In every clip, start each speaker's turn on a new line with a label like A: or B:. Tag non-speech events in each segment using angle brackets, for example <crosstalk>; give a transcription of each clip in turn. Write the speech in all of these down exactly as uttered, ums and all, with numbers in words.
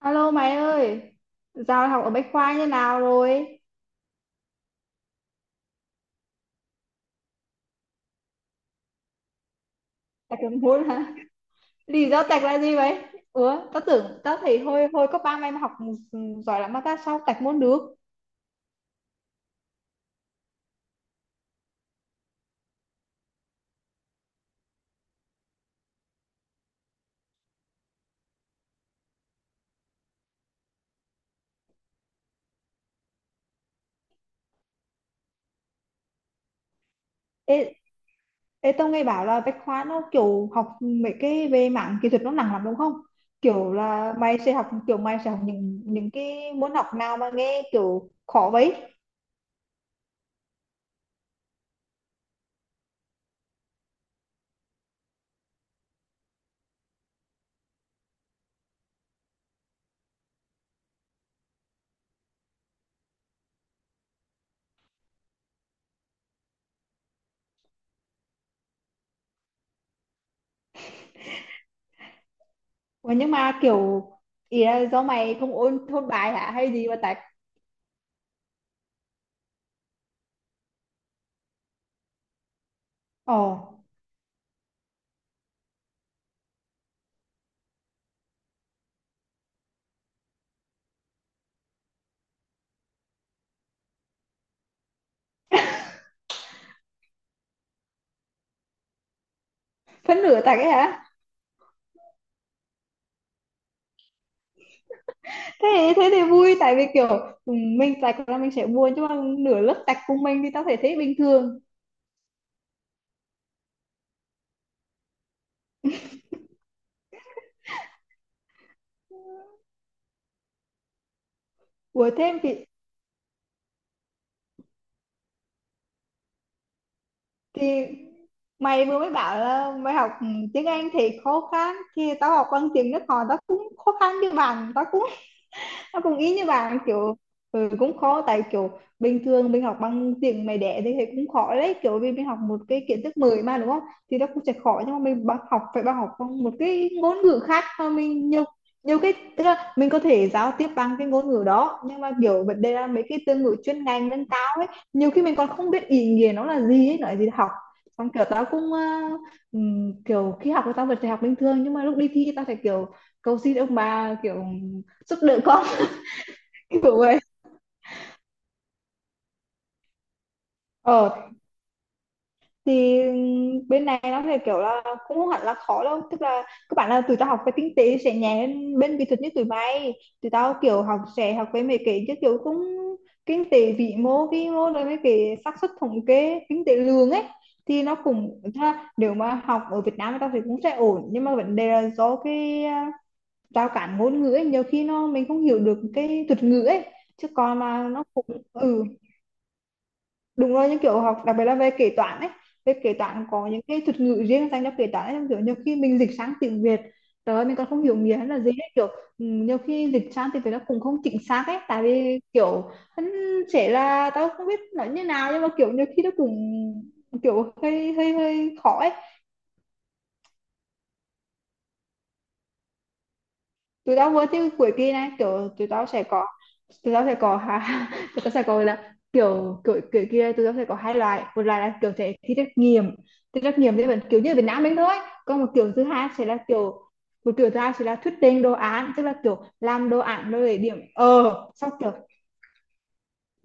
A: Alo mày ơi, giao học ở Bách Khoa như nào rồi? Tạch còn muốn hả? Lý do tạch là gì vậy? Ủa, tao tưởng tao thấy hồi hồi cấp ba mày mà học giỏi lắm mà tao sao tạch muốn được? Ê, ê tao nghe bảo là Bách Khoa nó kiểu học mấy cái về mảng kỹ thuật nó nặng lắm đúng không? Kiểu là mày sẽ học kiểu mày sẽ học những những cái môn học nào mà nghe kiểu khó vậy? Ủa, nhưng mà kiểu ý là do mày không ôn thôn bài hả hay gì mà tạch? Ồ, phân nửa tạch ấy hả? Thế thế thì vui tại vì kiểu ừ, mình tạch là mình sẽ buồn chứ mà nửa lớp tạch cùng mình thì tao thể thấy bình thường. Ủa thêm thì thì mày vừa mới bảo là mày học ừ, tiếng Anh thì khó khăn thì tao học bằng tiếng nước họ tao cũng khó khăn như bạn tao cũng nó cũng ý như bạn kiểu ừ, cũng khó tại kiểu bình thường mình học bằng tiếng mẹ đẻ thì thấy cũng khó đấy kiểu vì mình học một cái kiến thức mới mà đúng không, thì nó cũng sẽ khó nhưng mà mình bằng học phải bằng học bằng một cái ngôn ngữ khác mà mình nhiều nhiều cái tức là mình có thể giao tiếp bằng cái ngôn ngữ đó nhưng mà kiểu vấn đề là mấy cái từ ngữ chuyên ngành nâng cao ấy nhiều khi mình còn không biết ý nghĩa nó là gì ấy nói gì học. Xong kiểu tao cũng ờ, ừm, kiểu khi học thì tao vẫn phải học bình thường nhưng mà lúc đi thi tao phải kiểu cầu xin ông bà kiểu giúp đỡ con. Đúng rồi. Ờ thì bên này nó thì kiểu là cũng không hẳn là khó đâu tức là các bạn là tụi tao học cái kinh tế sẽ nhẹ hơn bên kỹ thuật như tụi mày, tụi tao kiểu học sẽ học về mấy cái chứ kiểu cũng kinh tế vĩ mô vi mô rồi mấy cái xác suất thống kê kinh tế lương ấy thì nó cũng tức là nếu mà học ở Việt Nam tao thì cũng sẽ ổn nhưng mà vấn đề là do cái à, rào cản ngôn ngữ ấy nhiều khi nó mình không hiểu được cái thuật ngữ ấy chứ còn mà nó cũng ừ đúng rồi những kiểu học đặc biệt là về kế toán ấy. Về kế toán có những cái thuật ngữ riêng dành cho kế toán ấy kiểu nhiều khi mình dịch sang tiếng Việt trời ơi, mình còn không hiểu nghĩa là gì ấy. Kiểu ừ, nhiều khi dịch sang tiếng Việt nó cũng không chính xác ấy tại vì kiểu hắn sẽ là tao không biết nói như nào nhưng mà kiểu nhiều khi nó cũng kiểu hơi hơi hơi khó ấy. Tụi tao vừa tới cuối kỳ này kiểu tụi tao sẽ có tụi tao sẽ có ha <laughs> tụi tao sẽ có là kiểu kiểu kiểu kia tụi tao sẽ có hai loại, một loại là kiểu sẽ thi trắc nghiệm, thi trắc nghiệm thì vẫn kiểu như ở Việt Nam mình thôi, còn một kiểu thứ hai sẽ là kiểu một kiểu thứ hai sẽ là thuyết trình đồ án tức là kiểu làm đồ án rồi để điểm ờ sau kiểu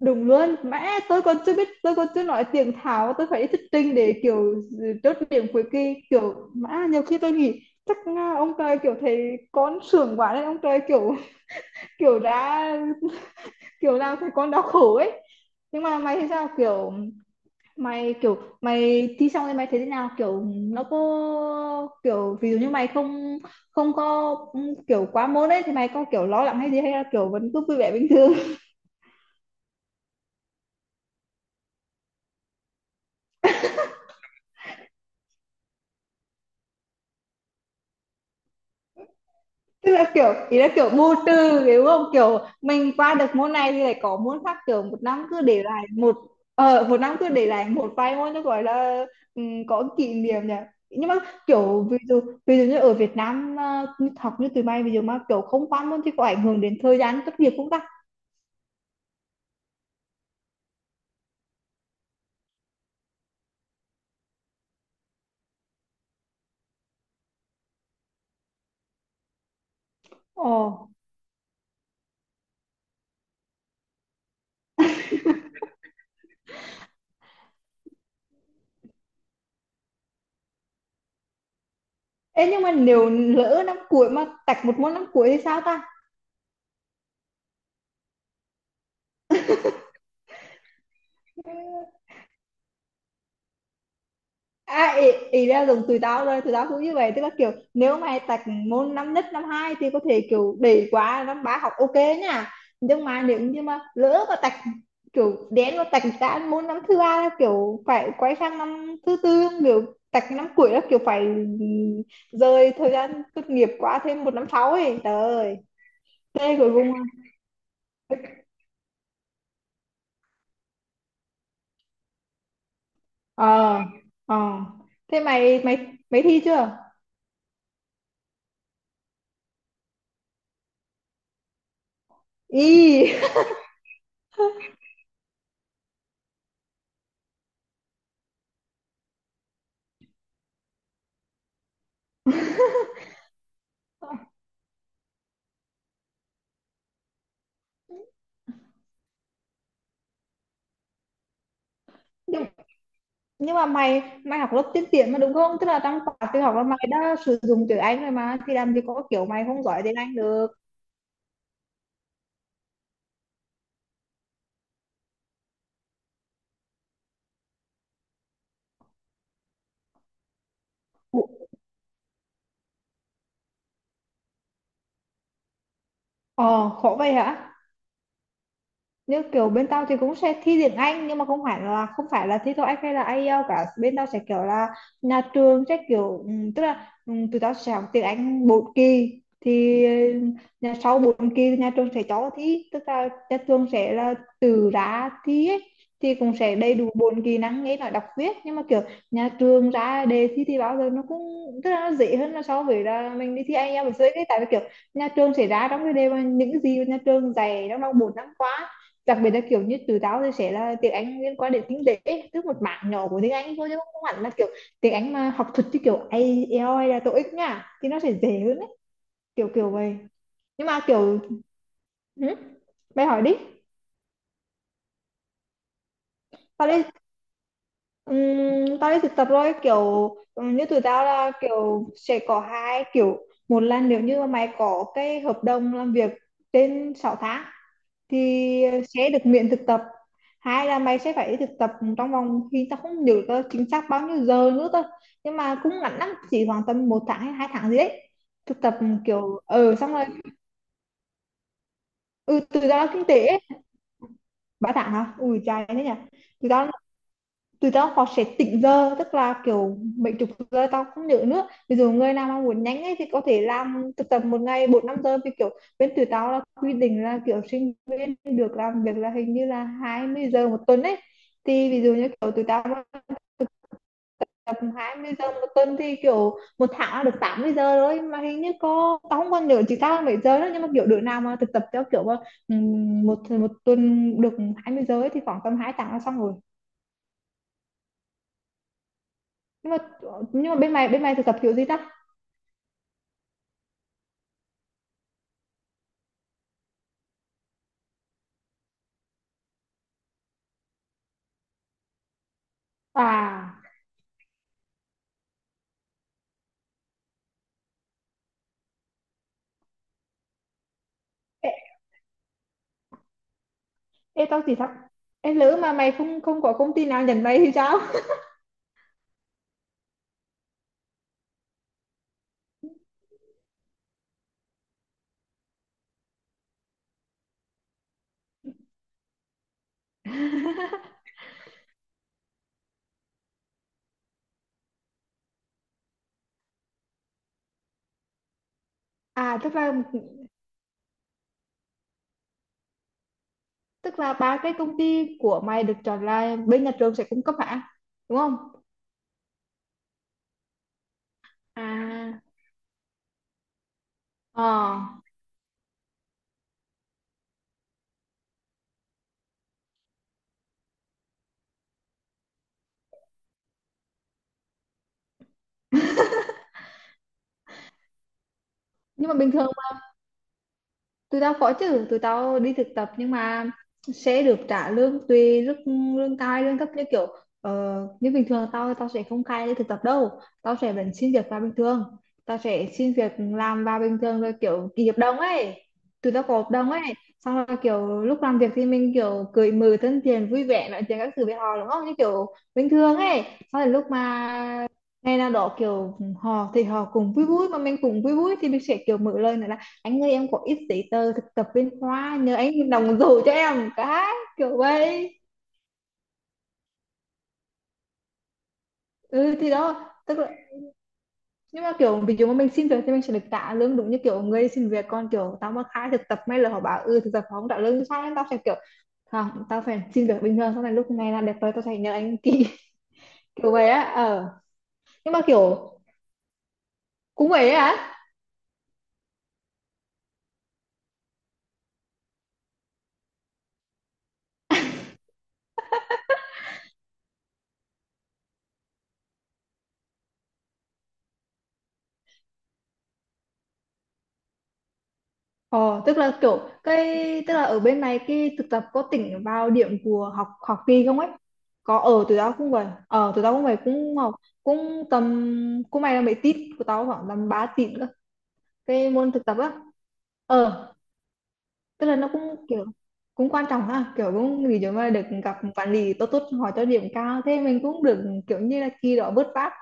A: đúng luôn mẹ tôi còn chưa biết tôi còn chưa nói tiếng Tháo tôi phải đi thuyết trình để kiểu chốt điểm cuối kỳ kiểu mã nhiều khi tôi nghĩ chắc à, ông trời kiểu thấy con sướng quá đấy ông trời kiểu kiểu đã kiểu nào thấy con đau khổ ấy. Nhưng mà mày thì sao kiểu mày kiểu mày thi xong thì mày thấy thế nào kiểu nó có kiểu ví dụ như mày không không có ừ, kiểu quá môn ấy thì mày có kiểu lo lắng hay gì hay là kiểu vẫn cứ vui vẻ bình thường. Tức là kiểu ý là kiểu vô tư đúng không kiểu mình qua được môn này thì lại có môn khác kiểu một năm cứ để lại một ờ một năm cứ để lại một vài môn nó gọi là ừm, có kỷ niệm nhỉ. Nhưng mà kiểu ví dụ ví dụ như ở Việt Nam à, như học như tụi bay ví dụ mà kiểu không qua môn thì có ảnh hưởng đến thời gian tốt nghiệp không ta? Ồ. Ê nhưng mà nếu lỡ năm cuối mà tạch một môn năm cuối thì sao ta? À, ý, ý là dùng tụi tao rồi tụi tao cũng như vậy tức là kiểu nếu mày tạch môn năm nhất năm hai thì có thể kiểu để qua năm ba học ok nha. Nhưng mà nếu như mà lỡ mà tạch kiểu đến mà tạch ra môn năm thứ ba là kiểu phải quay sang năm thứ tư kiểu tạch năm cuối là kiểu phải rời thời gian tốt nghiệp qua thêm một năm sau ấy trời ơi. Thế cuối cùng ờ ờ thế mày mày mày thi chưa? Y <laughs> nhưng mà mày mày học lớp tiên tiến mà đúng không tức là trong khóa tự học là mày đã sử dụng tiếng Anh rồi mà thì làm gì có kiểu mày không giỏi tiếng Anh được. Ủa, ờ khổ vậy hả? Như kiểu bên tao thì cũng sẽ thi tiếng Anh nhưng mà không phải là không phải là thi toeic hay là ai ơ cả, bên tao sẽ kiểu là nhà trường sẽ kiểu ừm, tức là ừm, tụi tao sẽ học tiếng Anh bốn kỳ. Thì ừ, nhà sau bốn kỳ thì nhà trường sẽ cho thi tức là nhà trường sẽ là từ ra thi ấy. Thì cũng sẽ đầy đủ bốn kỹ năng nghe nói đọc viết nhưng mà kiểu nhà trường ra đề thi thì bao giờ nó cũng tức là nó dễ hơn là so với là mình đi thi ai eo với cái tại vì kiểu nhà trường sẽ ra trong cái đề mà những cái gì mà nhà trường dạy trong vòng bốn năm qua, đặc biệt là kiểu như từ tao thì sẽ là tiếng Anh liên quan đến kinh tế tức một mảng nhỏ của tiếng Anh thôi chứ không hẳn là kiểu tiếng Anh mà học thuật như kiểu ai eo hay là tô íc nha thì nó sẽ dễ hơn đấy kiểu kiểu vậy nhưng mà kiểu hử? Mày hỏi đi. Tao đi ừm, tao đi thực tập rồi kiểu ừm, như tụi tao là kiểu sẽ có hai kiểu, một là nếu như mà mày có cái hợp đồng làm việc trên sáu tháng thì ờ, sẽ được miễn thực tập, hai là mày sẽ phải thực tập trong vòng khi tao không nhớ tao chính xác bao nhiêu giờ nữa thôi nhưng mà cũng ngắn lắm chỉ khoảng tầm một tháng hay hai tháng gì đấy thực tập kiểu ờ ừ, xong rồi ừ từ đó kinh tế ấy. Ba tháng hả ui trời thế nhỉ từ đó tụi tao họ sẽ tỉnh giờ tức là kiểu mấy chục giờ tao không nhớ nữa ví dụ người nào mà muốn nhanh ấy thì có thể làm thực tập một ngày bốn năm giờ vì kiểu bên tụi tao là quy định là kiểu sinh viên được làm việc là hình như là hai mươi giờ một tuần ấy. Thì ví dụ như kiểu tụi tao mà tập hai mươi giờ một tuần thì kiểu một tháng là được tám mươi giờ thôi mà hình như có tao không còn nhớ chỉ tao là mấy giờ nữa nhưng mà kiểu đứa nào mà thực tập theo kiểu mà, ừm, một một tuần được hai mươi giờ ấy thì khoảng tầm hai tháng là xong rồi. nhưng mà nhưng mà bên mày bên mày thực tập kiểu gì ta? À, ê, ê tao thì sao? Ê, lỡ mà mày không không có công ty nào nhận mày thì sao? <laughs> À, tức là tức là ba cái công ty của mày được chọn là bên nhà trường sẽ cung cấp hả? Đúng không? À, ờ. Nhưng mà bình thường tụi tao có chứ, tụi tao đi thực tập nhưng mà sẽ được trả lương tùy lương lương cai lương thấp như kiểu uh, như bình thường tao tao sẽ không cai đi thực tập đâu, tao sẽ vẫn xin việc vào bình thường, tao sẽ xin việc làm vào bình thường rồi kiểu ký hợp đồng ấy tụi tao có hợp đồng ấy. Xong rồi kiểu lúc làm việc thì mình kiểu cười mừng thân thiện vui vẻ nói chuyện các thứ với họ đúng không như kiểu bình thường ấy xong rồi lúc mà ngày nào đó kiểu họ thì họ cũng vui vui mà mình cũng vui vui thì mình sẽ kiểu mở lời nói anh ơi em có ít giấy tờ thực tập bên khoa nhờ anh đồng dấu cho em cái kiểu vậy ừ thì đó tức là nhưng mà kiểu ví dụ mà mình xin việc thì mình sẽ được trả lương đúng như kiểu người xin việc còn kiểu tao mà khai thực tập may là họ bảo ừ thực tập họ không trả lương sao nên tao sẽ kiểu không tao phải xin việc bình thường sau này lúc này là đẹp rồi tao sẽ nhờ anh ký <laughs> kiểu vậy á ờ nhưng mà kiểu cũng vậy á. Ờ, tức là kiểu cái tức là ở bên này cái thực tập có tính vào điểm của học học kỳ không ấy? Có ở tụi tao cũng vậy ờ tụi tao cũng vậy cũng học cũng tầm cũng may là mấy tít của tao khoảng tầm ba tít cơ cái môn thực tập á ờ tức là nó cũng kiểu cũng quan trọng ha kiểu cũng vì chúng mà được gặp quản lý tốt tốt hỏi cho điểm cao thế mình cũng được kiểu như là kỳ đó vớt vát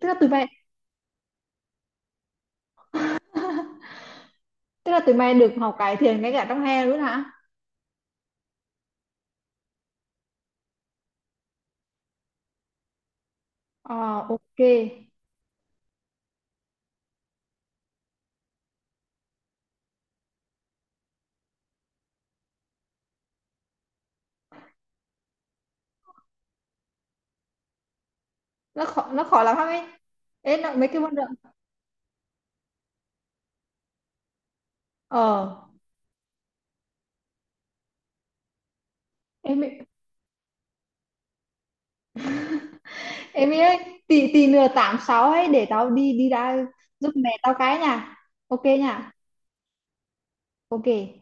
A: tức là tụi mày tức là tụi mày được học cải thiện ngay cả trong hè luôn hả ờ ok. Nó khó nó khó lắm ấy em nó, mấy cái môn đó ờ em ấy- em ấy tí tí nữa tám sáu ấy để tao đi đi ra giúp mẹ tao cái nha ok nha ok.